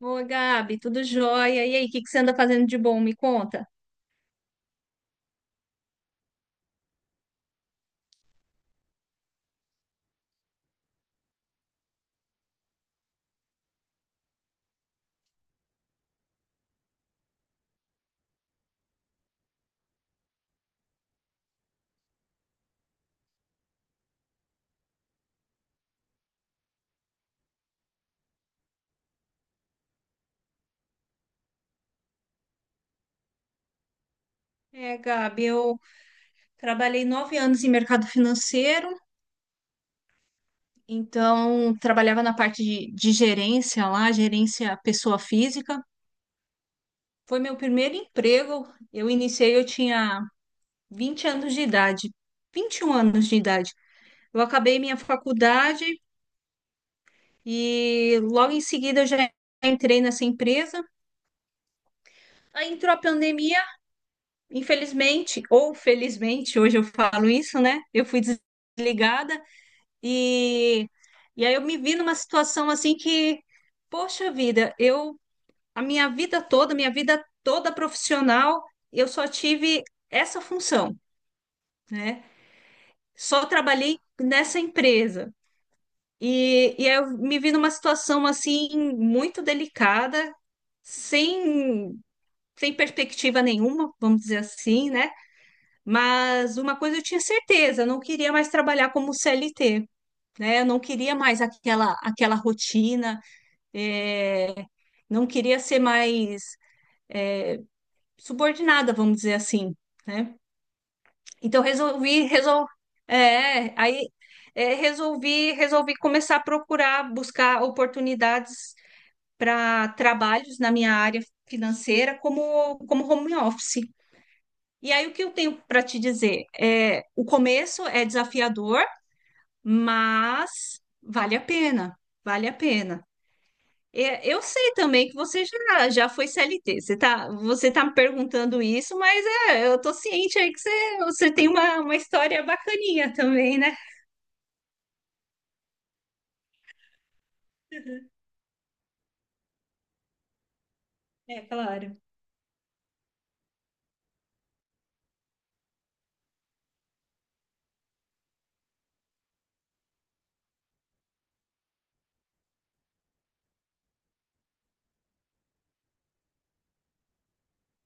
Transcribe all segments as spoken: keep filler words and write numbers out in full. Ô, Gabi, tudo jóia? E aí, o que que você anda fazendo de bom? Me conta. É, Gabi, eu trabalhei nove anos em mercado financeiro, então trabalhava na parte de, de gerência lá, gerência pessoa física. Foi meu primeiro emprego. Eu iniciei, eu tinha vinte anos de idade, vinte e um anos de idade. Eu acabei minha faculdade e logo em seguida eu já entrei nessa empresa. Aí entrou a pandemia. Infelizmente, ou felizmente, hoje eu falo isso, né? Eu fui desligada e, e aí eu me vi numa situação assim que, poxa vida, eu a minha vida toda, minha vida toda profissional, eu só tive essa função, né? Só trabalhei nessa empresa. E, e aí eu me vi numa situação assim muito delicada, sem, sem perspectiva nenhuma, vamos dizer assim, né? Mas uma coisa eu tinha certeza, eu não queria mais trabalhar como C L T, né? Eu não queria mais aquela, aquela rotina, é, não queria ser mais subordinada, vamos dizer assim, né? Então resolvi, resol... é, aí é, resolvi, resolvi começar a procurar, buscar oportunidades para trabalhos na minha área financeira como, como home office. E aí o que eu tenho para te dizer? É, o começo é desafiador, mas vale a pena, vale a pena. É, eu sei também que você já, já foi C L T. Você tá, você tá me perguntando isso, mas é, eu tô ciente aí que você, você tem uma, uma história bacaninha também, né? É, claro.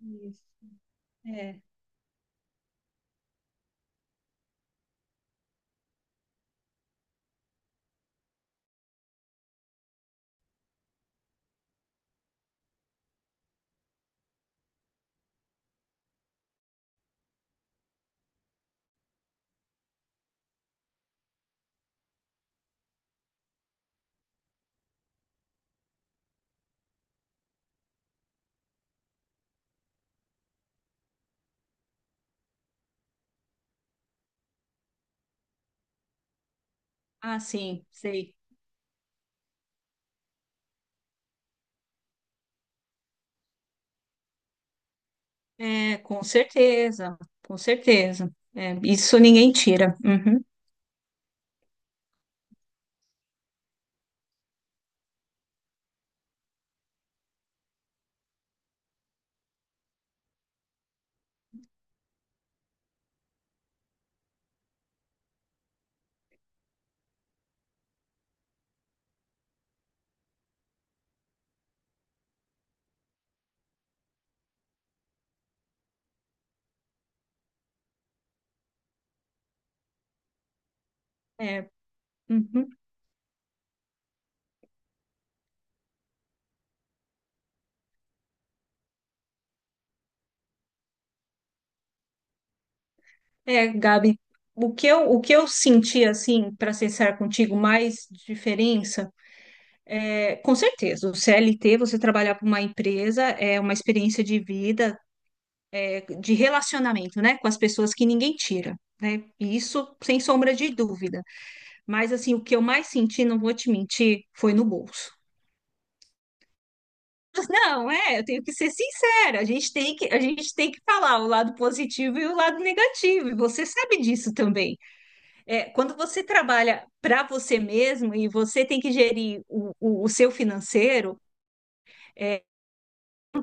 Isso. É. Ah, sim, sei. É, com certeza, com certeza. É, isso ninguém tira. Uhum. É, uhum. É, Gabi, o que eu, o que eu senti, assim, para ser sincero contigo, mais diferença. Com certeza, o C L T, você trabalhar para uma empresa é uma experiência de vida, é, de relacionamento, né, com as pessoas, que ninguém tira, né? E isso sem sombra de dúvida. Mas assim, o que eu mais senti, não vou te mentir, foi no bolso. Mas não, é, eu tenho que ser sincera. A gente tem que, a gente tem que falar o lado positivo e o lado negativo. E você sabe disso também. É, quando você trabalha para você mesmo e você tem que gerir o, o o seu financeiro,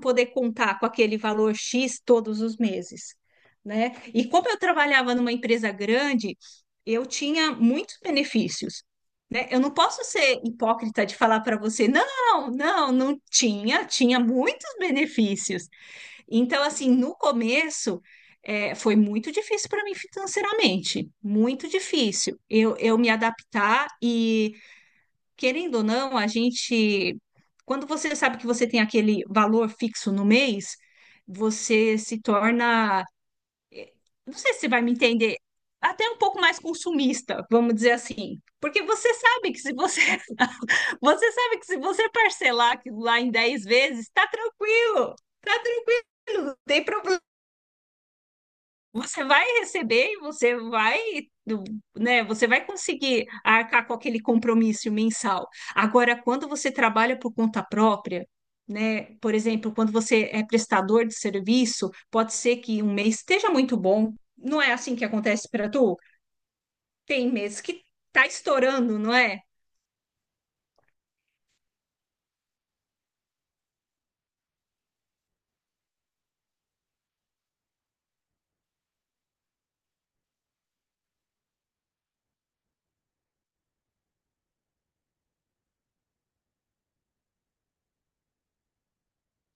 poder contar com aquele valor X todos os meses, né? E como eu trabalhava numa empresa grande, eu tinha muitos benefícios, né? Eu não posso ser hipócrita de falar para você, não, não, não tinha, tinha muitos benefícios. Então, assim, no começo, eh, foi muito difícil para mim financeiramente, muito difícil eu, eu me adaptar. E querendo ou não, a gente, quando você sabe que você tem aquele valor fixo no mês, você se torna, eh, não sei se você vai me entender, até um pouco mais consumista, vamos dizer assim. Porque você sabe que se você, você sabe que se você parcelar aquilo lá em dez vezes, tá tranquilo, tá tranquilo, não tem, você vai receber e você vai, do- né, você vai conseguir arcar com aquele compromisso mensal. Agora, quando você trabalha por conta própria, né, por exemplo, quando você é prestador de serviço, pode ser que um mês esteja muito bom. Não é assim que acontece para tu? Tem meses que tá estourando, não é?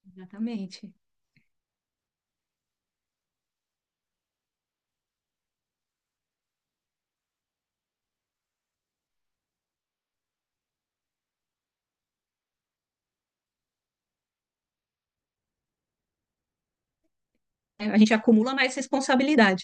Exatamente. É, a gente acumula mais responsabilidade.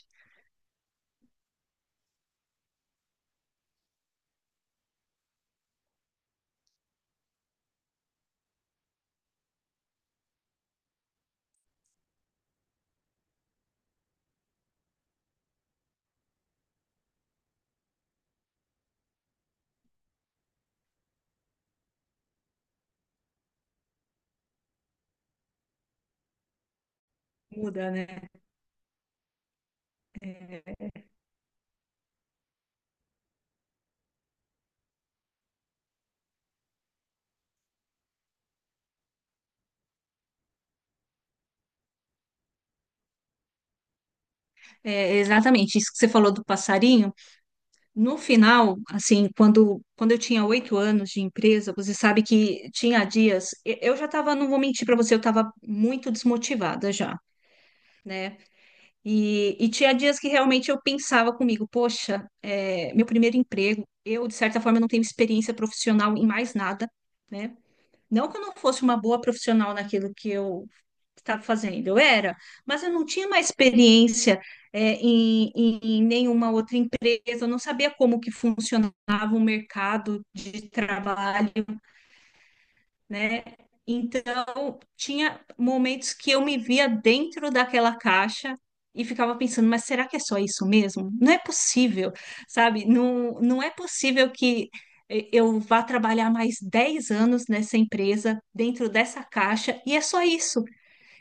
Muda, né? É, exatamente. Isso que você falou do passarinho. No final, assim, quando, quando eu tinha oito anos de empresa, você sabe que tinha dias, e- eu já estava, não vou mentir para você, eu estava muito desmotivada já, né? E, e tinha dias que realmente eu pensava comigo, poxa, é, meu primeiro emprego, eu de certa forma não tenho experiência profissional em mais nada, né? Não que eu não fosse uma boa profissional naquilo que eu estava fazendo, eu era, mas eu não tinha uma experiência, é, em, em- em nenhuma outra empresa, eu não sabia como que funcionava o mercado de trabalho, né? Então, tinha momentos que eu me via dentro daquela caixa e ficava pensando, mas será que é só isso mesmo? Não é possível, sabe? Não, não é possível que eh, eu vá trabalhar mais dez anos nessa empresa, dentro dessa caixa, e é só isso.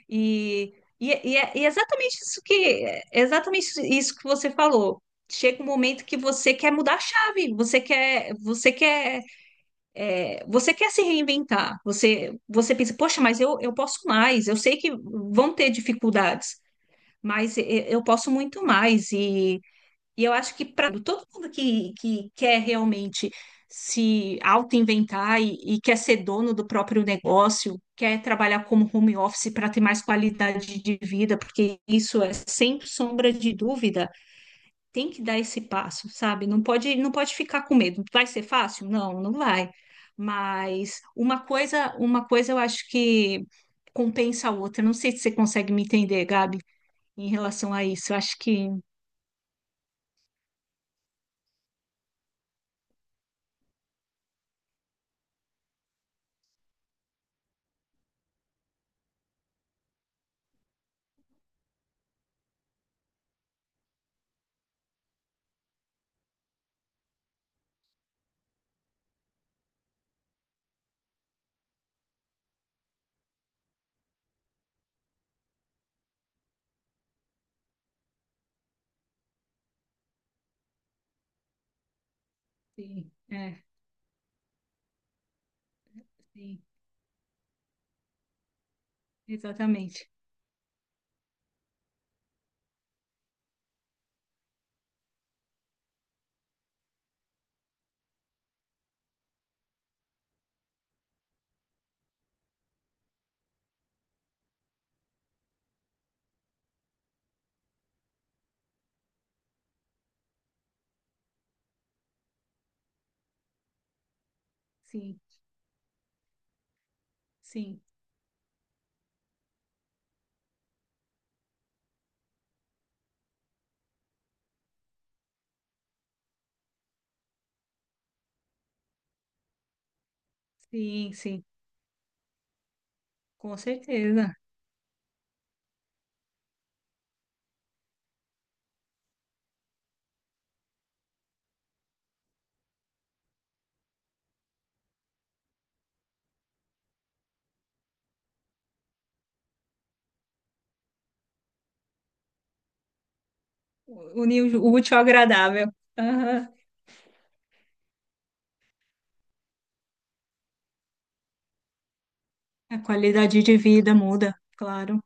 E, e, e é e é exatamente isso que, é exatamente isso que você falou. Chega um momento que você quer mudar a chave, você quer, você quer, você quer se reinventar, você, você pensa, poxa, mas eu, eu posso mais, eu sei que vão ter dificuldades, mas e- e- eu posso muito mais. E, e eu acho que para todo mundo que, que quer realmente se auto-inventar e, e quer ser dono do próprio negócio, quer trabalhar como home office para ter mais qualidade de vida, porque isso é sem sombra de dúvida. Tem que dar esse passo, sabe? Não pode, não pode ficar com medo. Vai ser fácil? Não, não vai. Mas uma coisa, uma coisa eu acho que compensa a outra. Não sei se você consegue me entender, Gabi, em relação a isso. Eu acho que sim, é, sim, exatamente. Sim, sim, sim, sim, com certeza. Unir o útil ao agradável. Aham. A qualidade de vida muda, claro,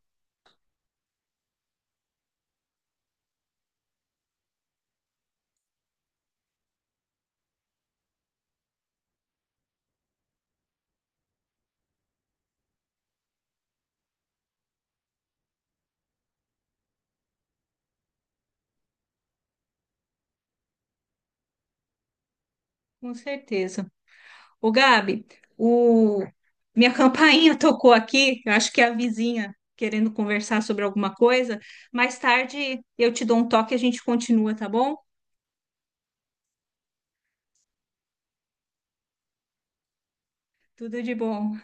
com certeza. Ô, Gabi, o... minha campainha tocou aqui. Eu acho que é a vizinha querendo conversar sobre alguma coisa. Mais tarde eu te dou um toque e a gente continua, tá bom? Tudo de bom.